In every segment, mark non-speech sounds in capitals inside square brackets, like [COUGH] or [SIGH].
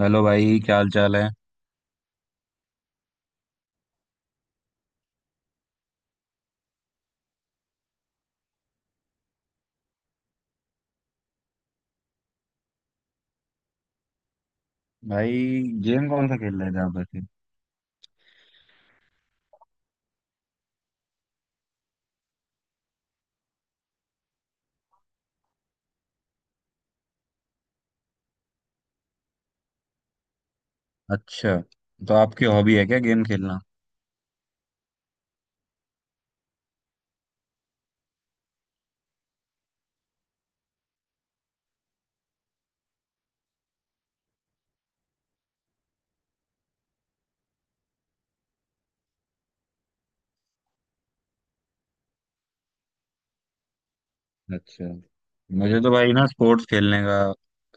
Hello भाई, क्या हाल चाल है भाई? गेम कौन सा खेल रहे थे आप वैसे? अच्छा, तो आपकी हॉबी है क्या, गेम खेलना? अच्छा, मुझे तो भाई ना स्पोर्ट्स खेलने का,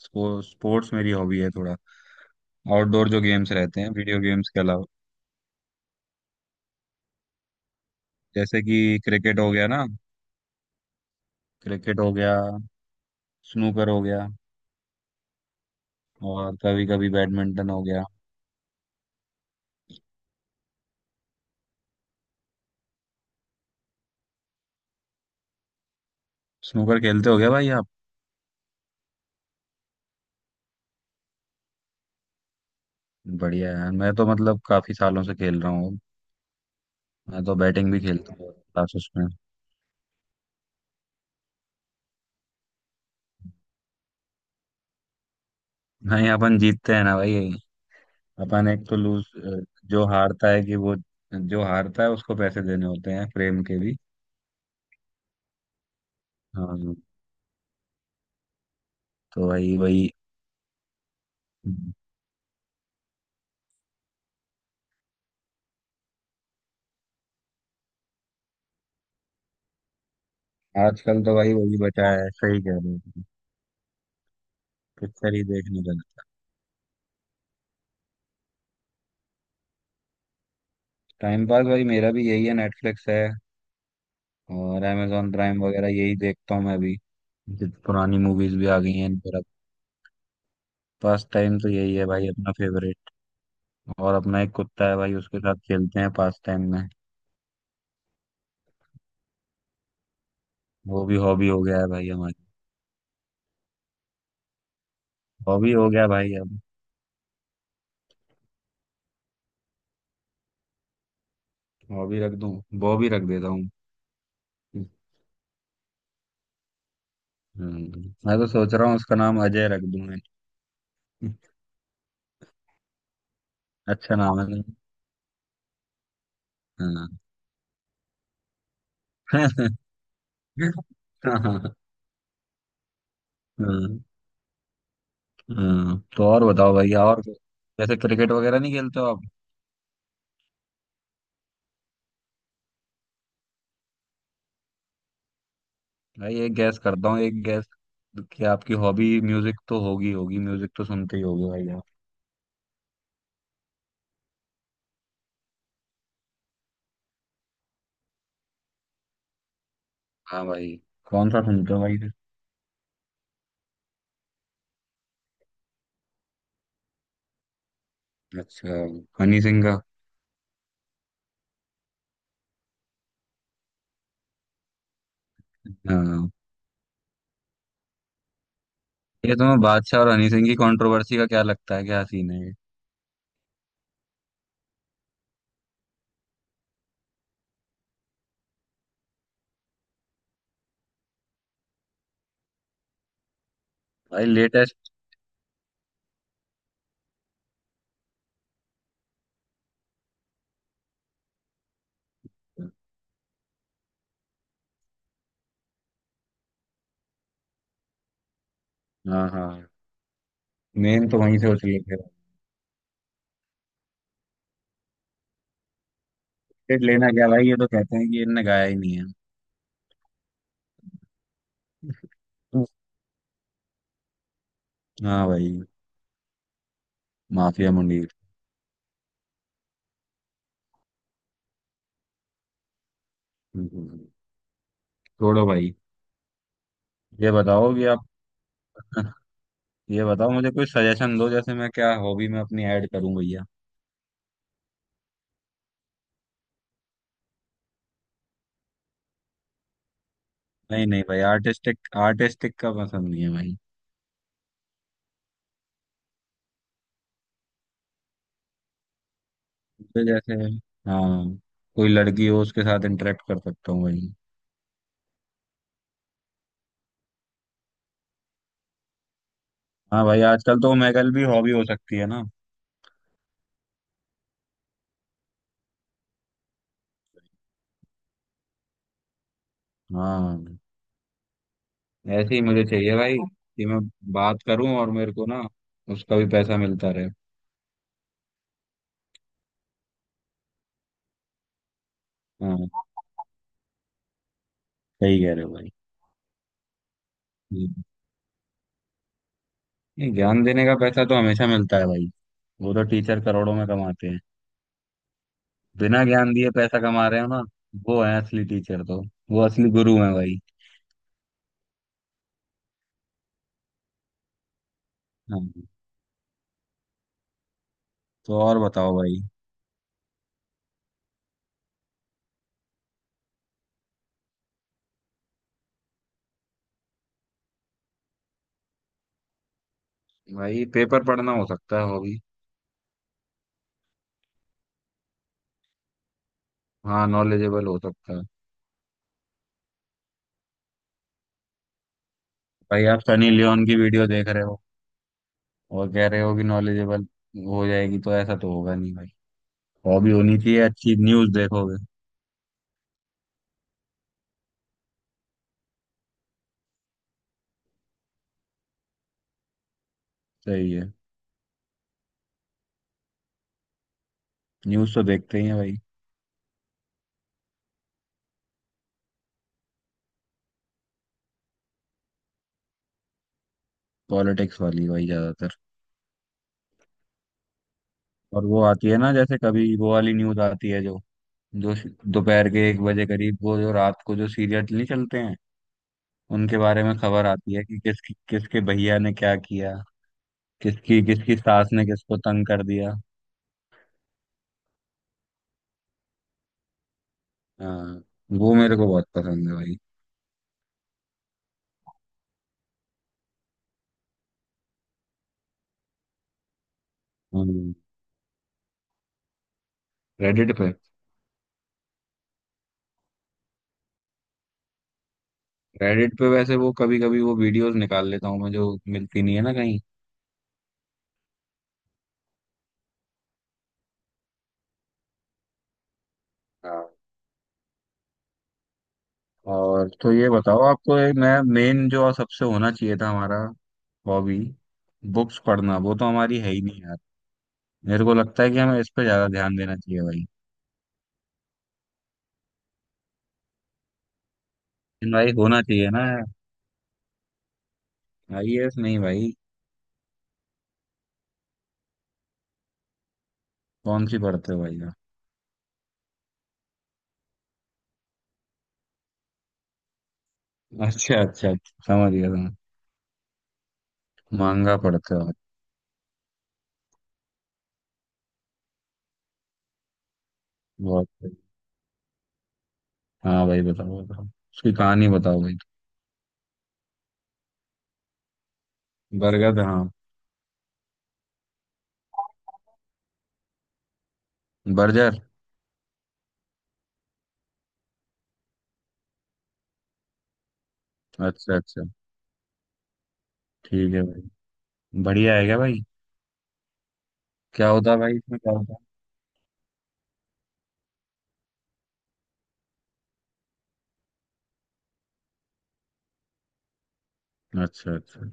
स्पोर्ट्स मेरी हॉबी है थोड़ा। आउटडोर जो गेम्स रहते हैं वीडियो गेम्स के अलावा। जैसे कि क्रिकेट हो गया ना, क्रिकेट हो गया, स्नूकर हो गया, और कभी कभी बैडमिंटन हो गया। स्नूकर खेलते हो गया भाई आप? बढ़िया यार, मैं तो मतलब काफी सालों से खेल रहा हूँ। मैं तो बैटिंग भी खेलता हूँ क्लासेस में। नहीं, अपन जीतते हैं ना भाई। अपन एक तो लूज, जो हारता है कि वो, जो हारता है उसको पैसे देने होते हैं फ्रेम के भी। हाँ। तो वही वही। आजकल तो भाई वही बचा है, सही कह रहे हो। पिक्चर ही देखने का टाइम पास भाई, मेरा भी यही है। नेटफ्लिक्स है और amazon प्राइम वगैरह, यही देखता हूँ मैं भी। जो पुरानी मूवीज भी आ गई हैं इन पर अब। पास टाइम तो यही है भाई अपना फेवरेट। और अपना एक कुत्ता है भाई, उसके साथ खेलते हैं पास टाइम में। वो भी हॉबी हो गया है भाई हमारी। हॉबी हो गया भाई अब। बॉबी रख दूं? बॉबी रख देता हूँ। मैं तो सोच रहा हूँ उसका नाम अजय रख दूं मैं। अच्छा नाम है ना? हाँ। [LAUGHS] हाँ हाँ। हाँ। तो और बताओ भैया, और जैसे क्रिकेट वगैरह नहीं खेलते हो आप? भाई एक गैस करता हूँ, एक गैस कि आपकी हॉबी म्यूजिक तो होगी होगी, म्यूजिक तो सुनते ही होगे भाई आप। हाँ भाई, कौन सा सुनते हो भाई? अच्छा, हनी सिंह का? हाँ, ये तुम्हें बादशाह और हनी सिंह की कंट्रोवर्सी का क्या लगता है, क्या सीन है ये? भाई लेटेस्ट। हाँ हाँ। मेन तो वहीं से उछले थे। टिकट लेना क्या भाई, ये तो कहते हैं कि इनने गाया ही नहीं है। [LAUGHS] हाँ भाई, माफिया मुंडीर। हम्म, छोड़ो भाई। ये बताओ कि आप। [LAUGHS] ये बताओ मुझे, कोई सजेशन दो जैसे मैं क्या हॉबी में अपनी ऐड करूं भैया। नहीं नहीं भाई आर्टिस्टिक, आर्टिस्टिक का पसंद नहीं है भाई। मुझे जैसे, हाँ, कोई लड़की हो उसके साथ इंटरेक्ट कर सकता हूँ भाई। हाँ भाई, आजकल तो मैगल भी हॉबी हो सकती है ना। हाँ, ऐसे ही मुझे चाहिए भाई कि मैं बात करूं और मेरे को ना उसका भी पैसा मिलता रहे। हाँ, सही कह रहे हो भाई। नहीं, ज्ञान देने का पैसा तो हमेशा मिलता है भाई। वो तो टीचर करोड़ों में कमाते हैं। बिना ज्ञान दिए पैसा कमा रहे हो ना, वो है असली टीचर तो। वो असली गुरु है भाई। हाँ। तो और बताओ भाई। भाई पेपर पढ़ना हो सकता है हॉबी। हाँ, नॉलेजेबल हो सकता है। भाई आप सनी लियोन की वीडियो देख रहे हो और कह रहे हो कि नॉलेजेबल हो जाएगी, तो ऐसा तो होगा नहीं भाई। हॉबी होनी चाहिए अच्छी, न्यूज़ देखोगे। सही है। न्यूज़ तो देखते ही हैं भाई। पॉलिटिक्स वाली भाई ज्यादातर। और वो आती है ना, जैसे कभी वो वाली न्यूज़ आती है जो, जो दोपहर के 1 बजे करीब, वो जो रात को जो सीरियल नहीं चलते हैं उनके बारे में खबर आती है, कि किस, किसके भैया ने क्या किया, किसकी किसकी सास ने किसको तंग कर दिया। हाँ, वो मेरे को बहुत पसंद है भाई। रेडिट पे? रेडिट पे वैसे वो कभी कभी वो वीडियोस निकाल लेता हूँ मैं जो मिलती नहीं है ना कहीं। और तो ये बताओ, आपको एक नया मेन जो सबसे होना चाहिए था हमारा हॉबी, बुक्स पढ़ना, वो तो हमारी है ही नहीं यार। मेरे को लगता है कि हमें इस पे ज्यादा ध्यान देना चाहिए भाई। लेकिन भाई होना चाहिए ना यार। आईएएस नहीं भाई। कौन सी पढ़ते हो भाई आप? अच्छा अच्छा, समझ गया समझ गया। मांगा पढ़ते हो आप? बहुत सही। हाँ भाई, बताओ बताओ उसकी कहानी बताओ भाई। बरगद, हाँ। बर्जर। अच्छा अच्छा। ठीक है भाई। बढ़िया है क्या भाई? क्या होता है भाई, इसमें क्या होता है? अच्छा अच्छा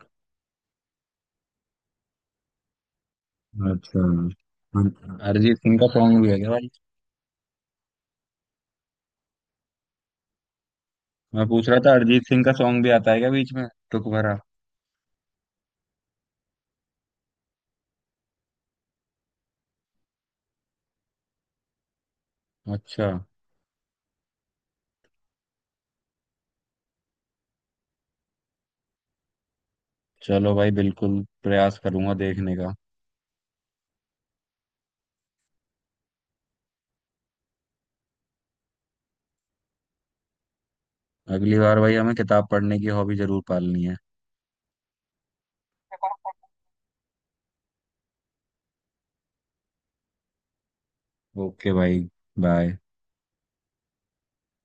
अच्छा। अरिजीत सिंह का सॉन्ग भी है क्या भाई? मैं पूछ रहा था, अरिजीत सिंह का सॉन्ग भी आता है क्या बीच में टुक भरा? अच्छा। चलो भाई, बिल्कुल प्रयास करूंगा देखने का। अगली बार भाई हमें किताब पढ़ने की हॉबी जरूर पालनी है। [LAUGHS] ओके भाई, बाय।